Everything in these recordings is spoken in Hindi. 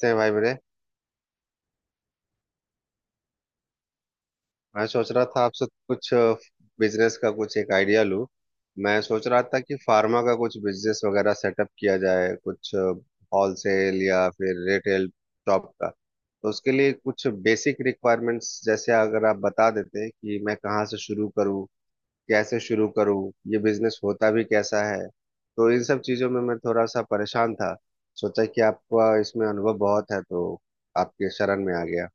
से हैं भाई मेरे। मैं सोच रहा था आपसे कुछ बिजनेस का कुछ एक आइडिया लूं। मैं सोच रहा था कि फार्मा का कुछ बिजनेस वगैरह सेटअप किया जाए, कुछ होलसेल या फिर रिटेल शॉप का। तो उसके लिए कुछ बेसिक रिक्वायरमेंट्स, जैसे अगर आप बता देते कि मैं कहाँ से शुरू करूँ, कैसे शुरू करूँ, ये बिजनेस होता भी कैसा है। तो इन सब चीज़ों में मैं थोड़ा सा परेशान था। सोचा कि आपका इसमें अनुभव बहुत है, तो आपके शरण में आ गया।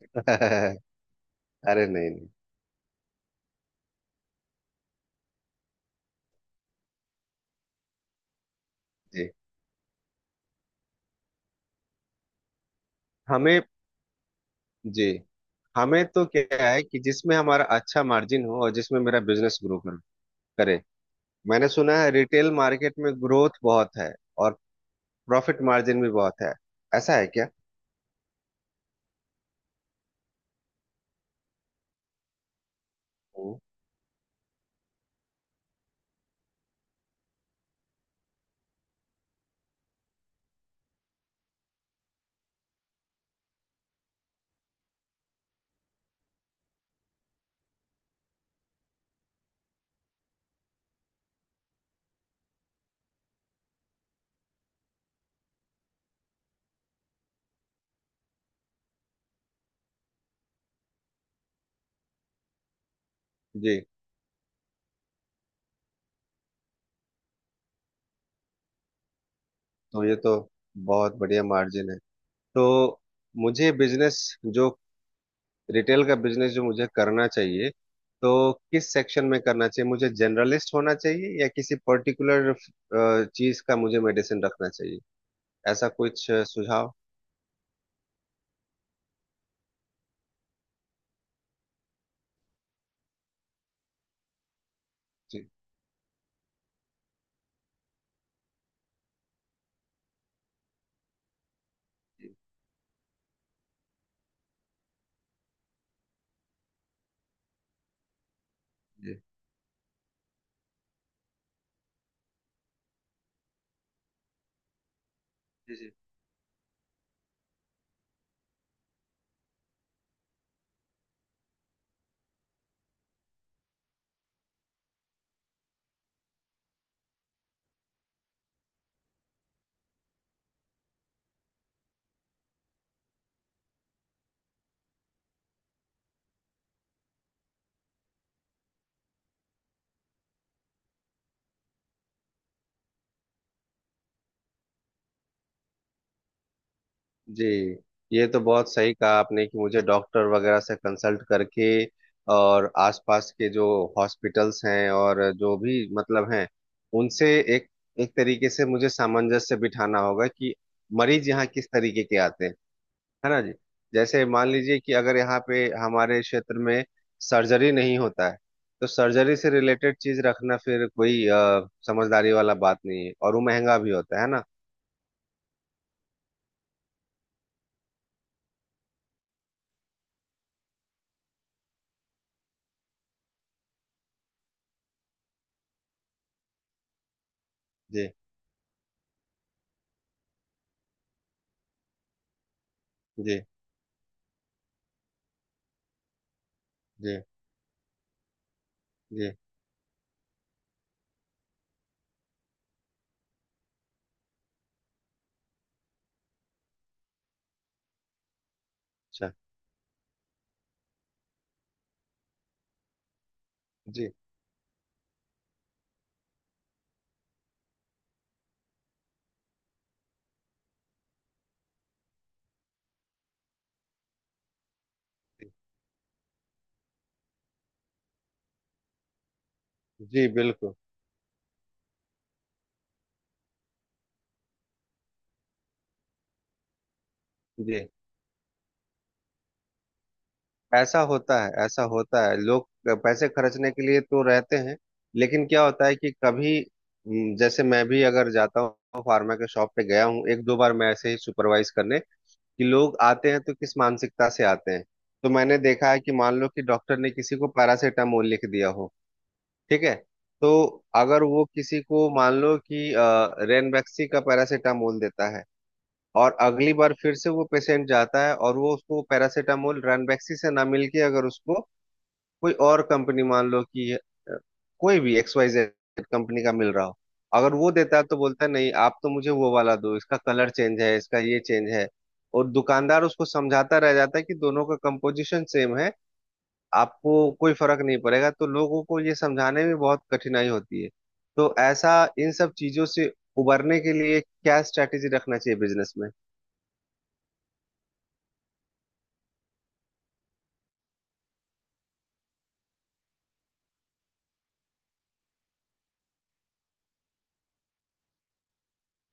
अरे, नहीं नहीं। जी। हमें। जी। हमें तो क्या है कि जिसमें हमारा अच्छा मार्जिन हो और जिसमें मेरा बिजनेस ग्रो करे। मैंने सुना है रिटेल मार्केट में ग्रोथ बहुत है और प्रॉफिट मार्जिन भी बहुत है। ऐसा है क्या? हम्म। जी। तो ये तो बहुत बढ़िया मार्जिन है। तो मुझे बिजनेस जो रिटेल का बिजनेस जो मुझे करना चाहिए, तो किस सेक्शन में करना चाहिए? मुझे जनरलिस्ट होना चाहिए या किसी पर्टिकुलर चीज का मुझे मेडिसिन रखना चाहिए? ऐसा कुछ सुझाव। जी। जी। जी। जी। जी। जी, ये तो बहुत सही कहा आपने कि मुझे डॉक्टर वगैरह से कंसल्ट करके और आसपास के जो हॉस्पिटल्स हैं और जो भी मतलब हैं, उनसे एक एक तरीके से मुझे सामंजस्य बिठाना होगा कि मरीज यहाँ किस तरीके के आते हैं, है ना जी। जैसे मान लीजिए कि अगर यहाँ पे हमारे क्षेत्र में सर्जरी नहीं होता है, तो सर्जरी से रिलेटेड चीज रखना फिर कोई समझदारी वाला बात नहीं है, और वो महंगा भी होता है ना। जी। जी। जी। जी। अच्छा। जी। जी। बिल्कुल जी। ऐसा होता है, ऐसा होता है, लोग पैसे खर्चने के लिए तो रहते हैं। लेकिन क्या होता है कि कभी जैसे मैं भी अगर जाता हूँ, फार्मा के शॉप पे गया हूँ एक दो बार, मैं ऐसे ही सुपरवाइज करने, कि लोग आते हैं तो किस मानसिकता से आते हैं। तो मैंने देखा है कि मान लो कि डॉक्टर ने किसी को पैरासीटामोल लिख दिया हो। ठीक है। तो अगर वो किसी को मान लो कि रेनबैक्सी का पैरासीटामोल देता है, और अगली बार फिर से वो पेशेंट जाता है और वो उसको पैरासीटामोल रैनबैक्सी से ना मिलके अगर उसको कोई और कंपनी, मान लो कि कोई भी एक्स वाई जेड कंपनी का मिल रहा हो, अगर वो देता है तो बोलता है, नहीं आप तो मुझे वो वाला दो, इसका कलर चेंज है, इसका ये चेंज है। और दुकानदार उसको समझाता रह जाता है कि दोनों का कंपोजिशन सेम है, आपको कोई फर्क नहीं पड़ेगा। तो लोगों को ये समझाने में बहुत कठिनाई होती है। तो ऐसा इन सब चीजों से उबरने के लिए क्या स्ट्रैटेजी रखना चाहिए बिजनेस में?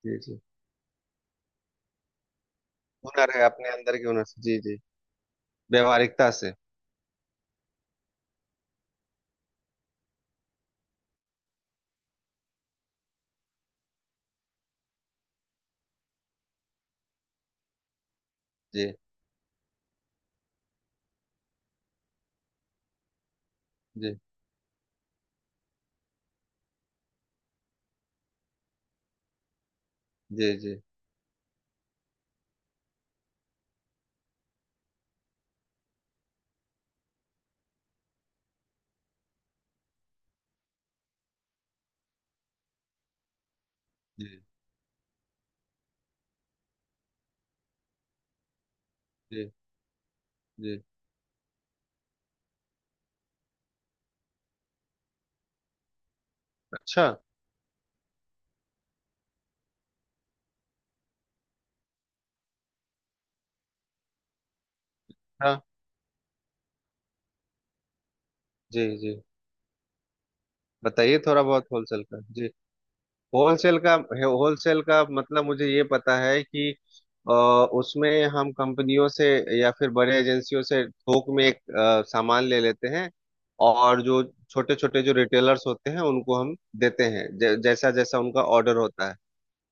जी। जी। हुनर है, अपने अंदर के हुनर से। जी। जी। व्यवहारिकता से। जी। जी। जी। जी। जी। जी। जी। अच्छा। हाँ जी। जी बताइए, थोड़ा बहुत होलसेल का जी। होलसेल का। होलसेल का मतलब मुझे ये पता है कि अ, उसमें हम कंपनियों से या फिर बड़े एजेंसियों से थोक में एक सामान ले लेते हैं। और जो छोटे छोटे जो रिटेलर्स होते हैं, उनको हम देते हैं जैसा जैसा उनका ऑर्डर होता है।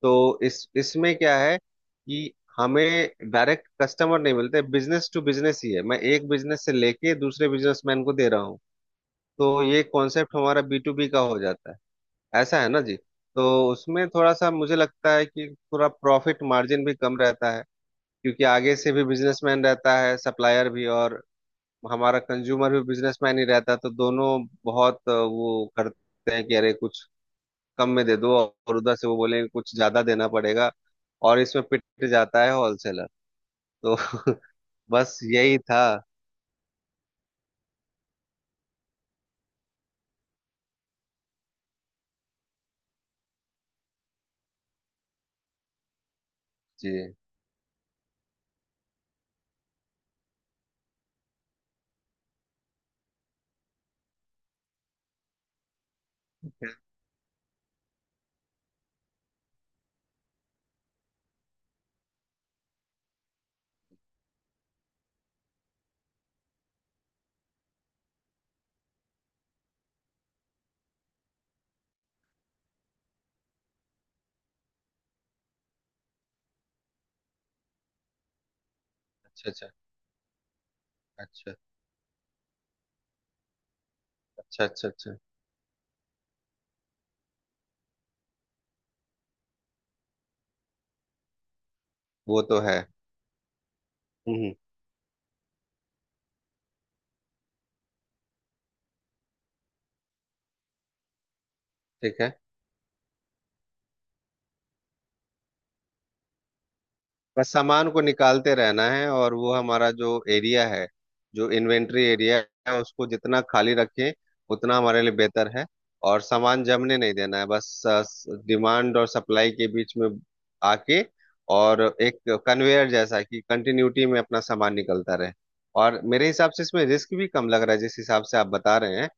तो इस इसमें क्या है कि हमें डायरेक्ट कस्टमर नहीं मिलते, बिजनेस टू बिजनेस ही है, मैं एक बिजनेस से लेके दूसरे बिजनेसमैन को दे रहा हूँ। तो ये कॉन्सेप्ट हमारा बी टू बी का हो जाता है, ऐसा है ना जी। तो उसमें थोड़ा सा मुझे लगता है कि थोड़ा प्रॉफिट मार्जिन भी कम रहता है, क्योंकि आगे से भी बिजनेसमैन रहता है, सप्लायर भी, और हमारा कंज्यूमर भी बिजनेसमैन ही रहता है। तो दोनों बहुत वो करते हैं कि अरे कुछ कम में दे दो, और उधर से वो बोलेंगे कुछ ज्यादा देना पड़ेगा, और इसमें पिट जाता है होलसेलर। तो। बस यही था जी। अच्छा, अच्छा, अच्छा। अच्छा, अच्छा, अच्छा। वो तो है। हम्म। ठीक है, बस सामान को निकालते रहना है, और वो हमारा जो एरिया है, जो इन्वेंट्री एरिया है, उसको जितना खाली रखें उतना हमारे लिए बेहतर है, और सामान जमने नहीं देना है बस। डिमांड और सप्लाई के बीच में आके, और एक कन्वेयर जैसा, कि कंटिन्यूटी में अपना सामान निकलता रहे। और मेरे हिसाब से इसमें रिस्क भी कम लग रहा है, जिस हिसाब से आप बता रहे हैं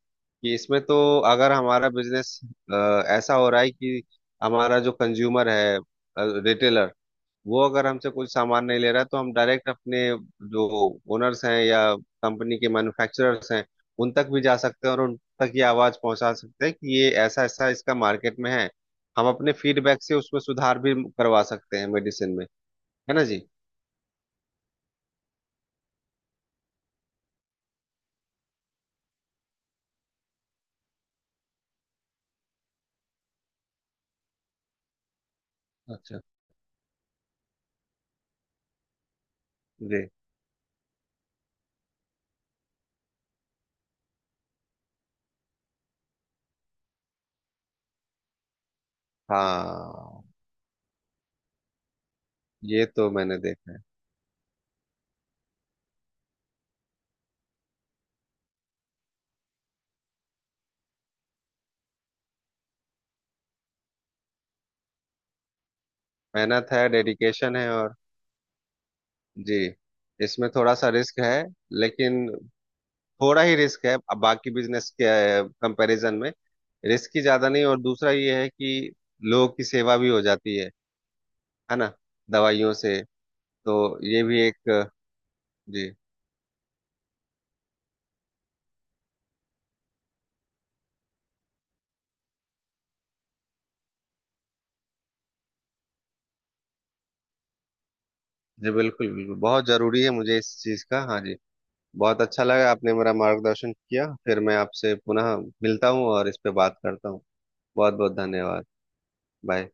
कि इसमें तो, अगर हमारा बिजनेस ऐसा हो रहा है कि हमारा जो कंज्यूमर है, रिटेलर, वो अगर हमसे कोई सामान नहीं ले रहा है, तो हम डायरेक्ट अपने जो ओनर्स हैं या कंपनी के मैन्युफैक्चरर्स हैं, उन तक भी जा सकते हैं और उन तक ये आवाज पहुंचा सकते हैं कि ये ऐसा ऐसा इसका मार्केट में है। हम अपने फीडबैक से उसमें सुधार भी करवा सकते हैं मेडिसिन में, है ना जी। अच्छा जी। हाँ, ये तो मैंने देखा है। मेहनत है, डेडिकेशन है, और जी, इसमें थोड़ा सा रिस्क है, लेकिन थोड़ा ही रिस्क है, अब बाकी बिजनेस के कंपैरिजन में रिस्क ही ज्यादा नहीं। और दूसरा ये है कि लोगों की सेवा भी हो जाती है ना, दवाइयों से। तो ये भी एक जी। जी। बिल्कुल बिल्कुल बहुत जरूरी है मुझे इस चीज का। हाँ जी। बहुत अच्छा लगा, आपने मेरा मार्गदर्शन किया। फिर मैं आपसे पुनः मिलता हूँ और इस पे बात करता हूँ। बहुत बहुत धन्यवाद। बाय।